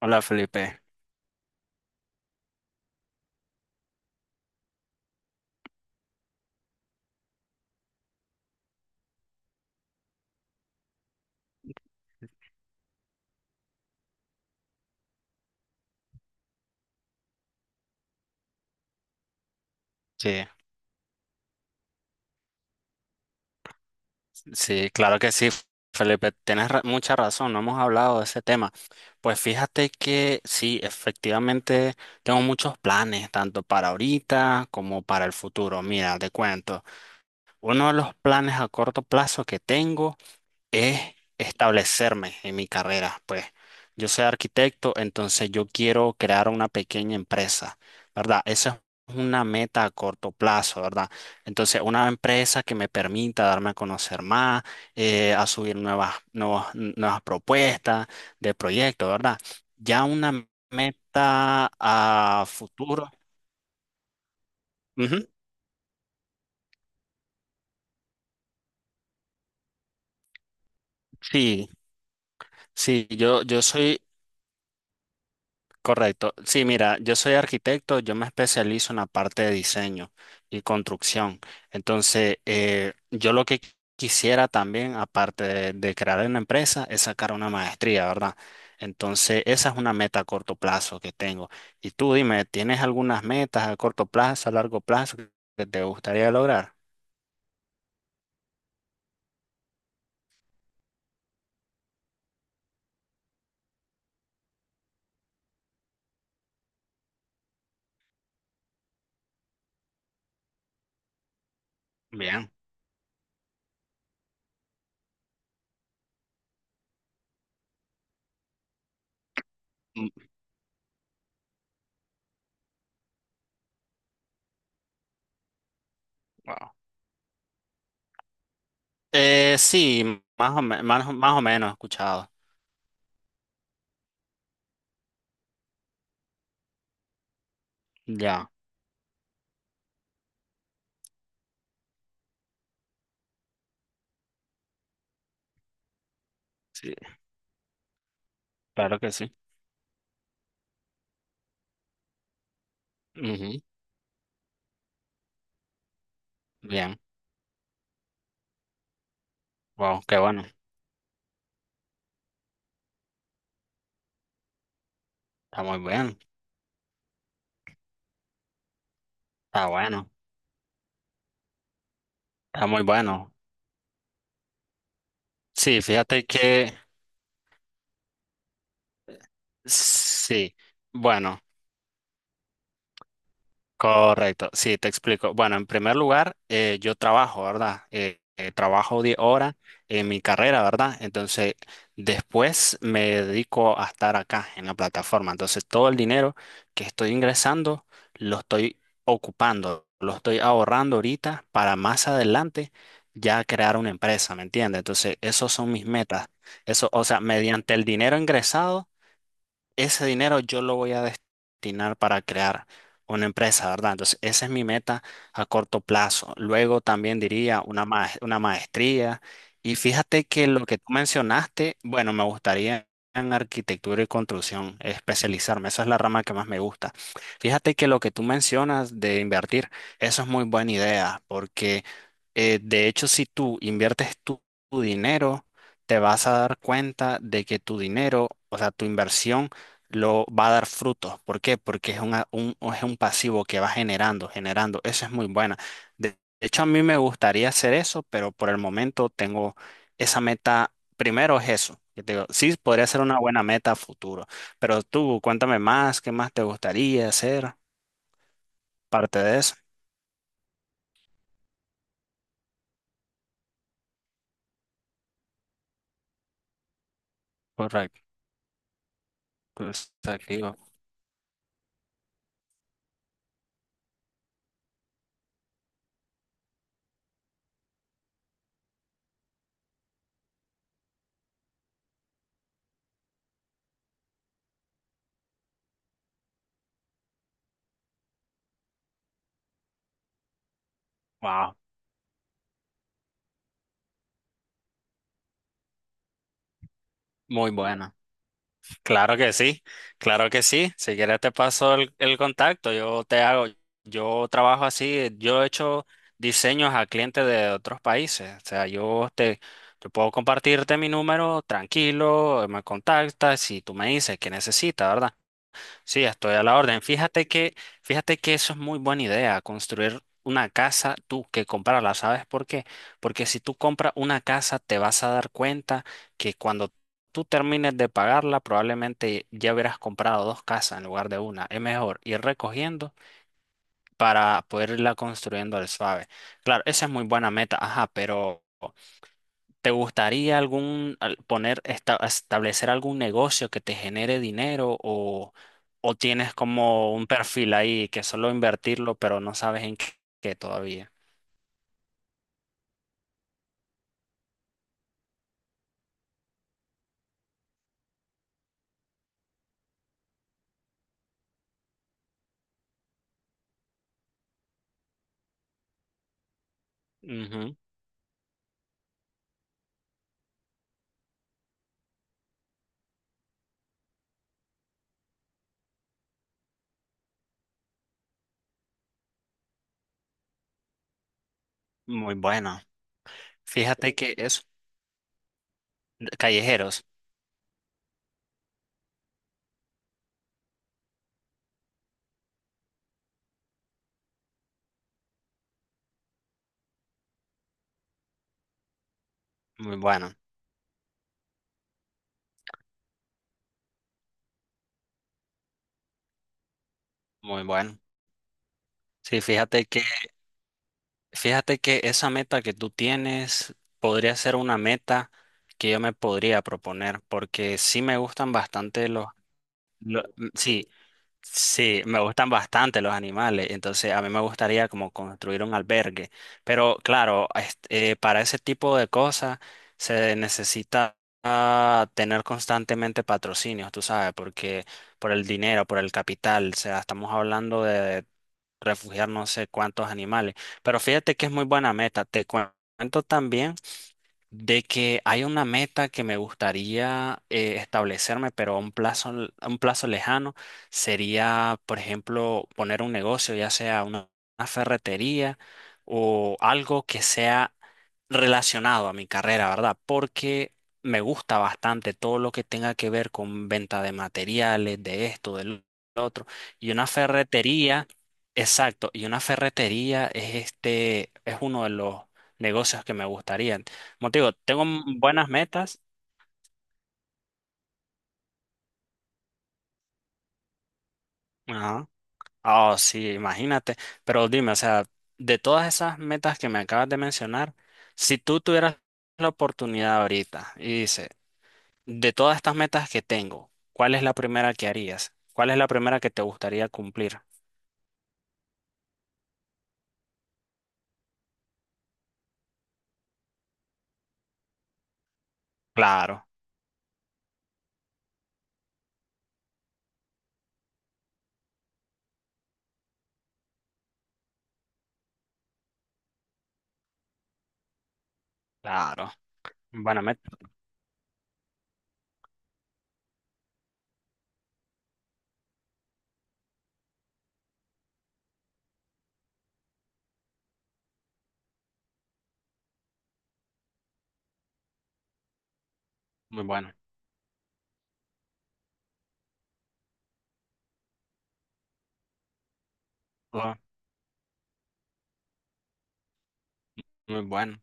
Hola Felipe, sí, sí, claro que sí, Felipe, tienes mucha razón, no hemos hablado de ese tema. Pues fíjate que sí, efectivamente tengo muchos planes, tanto para ahorita como para el futuro. Mira, te cuento, uno de los planes a corto plazo que tengo es establecerme en mi carrera. Pues yo soy arquitecto, entonces yo quiero crear una pequeña empresa, ¿verdad? Esa es una meta a corto plazo, ¿verdad? Entonces, una empresa que me permita darme a conocer más, a subir nuevas propuestas de proyectos, ¿verdad? Ya una meta a futuro. Ujú. Sí, sí, yo soy Correcto. Sí, mira, yo soy arquitecto, yo me especializo en la parte de diseño y construcción. Entonces, yo lo que quisiera también, aparte de crear una empresa, es sacar una maestría, ¿verdad? Entonces, esa es una meta a corto plazo que tengo. Y tú dime, ¿tienes algunas metas a corto plazo, a largo plazo que te gustaría lograr? Bien. Mm, wow. Sí, más o, me- más, o- más o menos he escuchado. Ya, sí, claro que sí. Ujú. Bien. Wow, qué bueno. Está muy bien. Está bueno. Está muy bueno. Sí, fíjate que sí. Bueno. Correcto, sí, te explico. Bueno, en primer lugar, yo trabajo, ¿verdad? Trabajo 10 horas en mi carrera, ¿verdad? Entonces, después me dedico a estar acá en la plataforma. Entonces, todo el dinero que estoy ingresando lo estoy ocupando, lo estoy ahorrando ahorita para más adelante ya crear una empresa, ¿me entiendes? Entonces, esos son mis metas. Eso, o sea, mediante el dinero ingresado ese dinero yo lo voy a destinar para crear una empresa, ¿verdad? Entonces, esa es mi meta a corto plazo. Luego también diría una maestría. Y fíjate que lo que tú mencionaste, bueno, me gustaría en arquitectura y construcción especializarme. Esa es la rama que más me gusta. Fíjate que lo que tú mencionas de invertir, eso es muy buena idea, porque de hecho, si tú inviertes tu dinero, te vas a dar cuenta de que tu dinero, o sea, tu inversión, lo va a dar frutos. ¿Por qué? Porque es es un pasivo que va generando, generando. Eso es muy buena. De hecho, a mí me gustaría hacer eso, pero por el momento tengo esa meta. Primero es eso, que te digo, sí, podría ser una buena meta a futuro. Pero tú, cuéntame más, ¿qué más te gustaría hacer? Parte de eso. Correcto. Wow, muy buena. Claro que sí, claro que sí. Si quieres te paso el contacto, yo te hago, yo trabajo así, yo he hecho diseños a clientes de otros países. O sea, yo puedo compartirte mi número tranquilo, me contactas y tú me dices qué necesitas, ¿verdad? Sí, estoy a la orden. Fíjate que eso es muy buena idea, construir una casa tú que comprarla. ¿Sabes por qué? Porque si tú compras una casa, te vas a dar cuenta que cuando tú termines de pagarla, probablemente ya hubieras comprado dos casas en lugar de una. Es mejor ir recogiendo para poder irla construyendo al suave. Claro, esa es muy buena meta, ajá, pero. ¿Te gustaría poner establecer algún negocio que te genere dinero o tienes como un perfil ahí que solo invertirlo, pero no sabes en qué, qué todavía? Ujú. Muy bueno. Fíjate que es callejeros. Muy bueno, muy bueno. Sí, fíjate que esa meta que tú tienes podría ser una meta que yo me podría proponer porque sí me gustan bastante los, sí, sí, me gustan bastante los animales, entonces a mí me gustaría como construir un albergue, pero claro, este, para ese tipo de cosas se necesita ah, tener constantemente patrocinios, tú sabes, porque por el dinero, por el capital, o sea, estamos hablando de refugiar no sé cuántos animales, pero fíjate que es muy buena meta, te cuento también de que hay una meta que me gustaría establecerme, pero a un plazo, a un plazo lejano sería, por ejemplo, poner un negocio, ya sea una ferretería o algo que sea relacionado a mi carrera, ¿verdad? Porque me gusta bastante todo lo que tenga que ver con venta de materiales, de esto, del otro. Y una ferretería, exacto, y una ferretería es este, es uno de los negocios que me gustaría. Como te digo, tengo buenas metas. Ajá. Oh, sí, imagínate. Pero dime, o sea, de todas esas metas que me acabas de mencionar, si tú tuvieras la oportunidad ahorita y dices, de todas estas metas que tengo, ¿cuál es la primera que harías? ¿Cuál es la primera que te gustaría cumplir? Claro, claro. Buena meta. Muy bueno. Ah, muy bueno.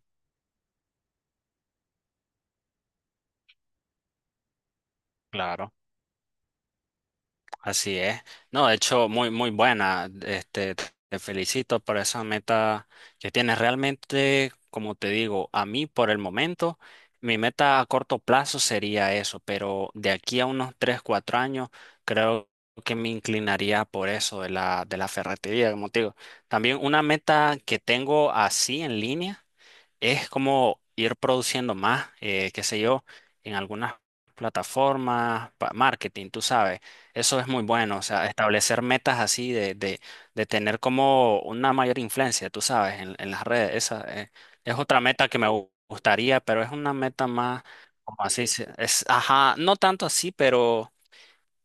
Claro. Así es. No, de hecho, muy, muy buena. Este, te felicito por esa meta que tienes. Realmente, como te digo, a mí por el momento, mi meta a corto plazo sería eso, pero de aquí a unos 3, 4 años, creo que me inclinaría por eso de la ferretería, como te digo. También una meta que tengo así en línea es como ir produciendo más, qué sé yo, en algunas plataformas, marketing, tú sabes, eso es muy bueno, o sea, establecer metas así de tener como una mayor influencia, tú sabes, en las redes, esa es otra meta que me gustaría, pero es una meta más, como así, ajá, no tanto así, pero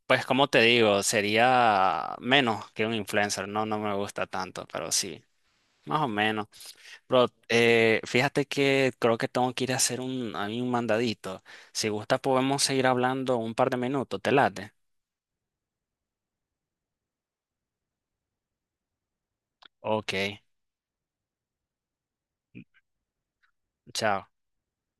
pues como te digo, sería menos que un influencer, no, no me gusta tanto, pero sí, más o menos. Bro, fíjate que creo que tengo que ir a hacer a mí un mandadito. Si gusta podemos seguir hablando un par de minutos, ¿te late? Ok, chao.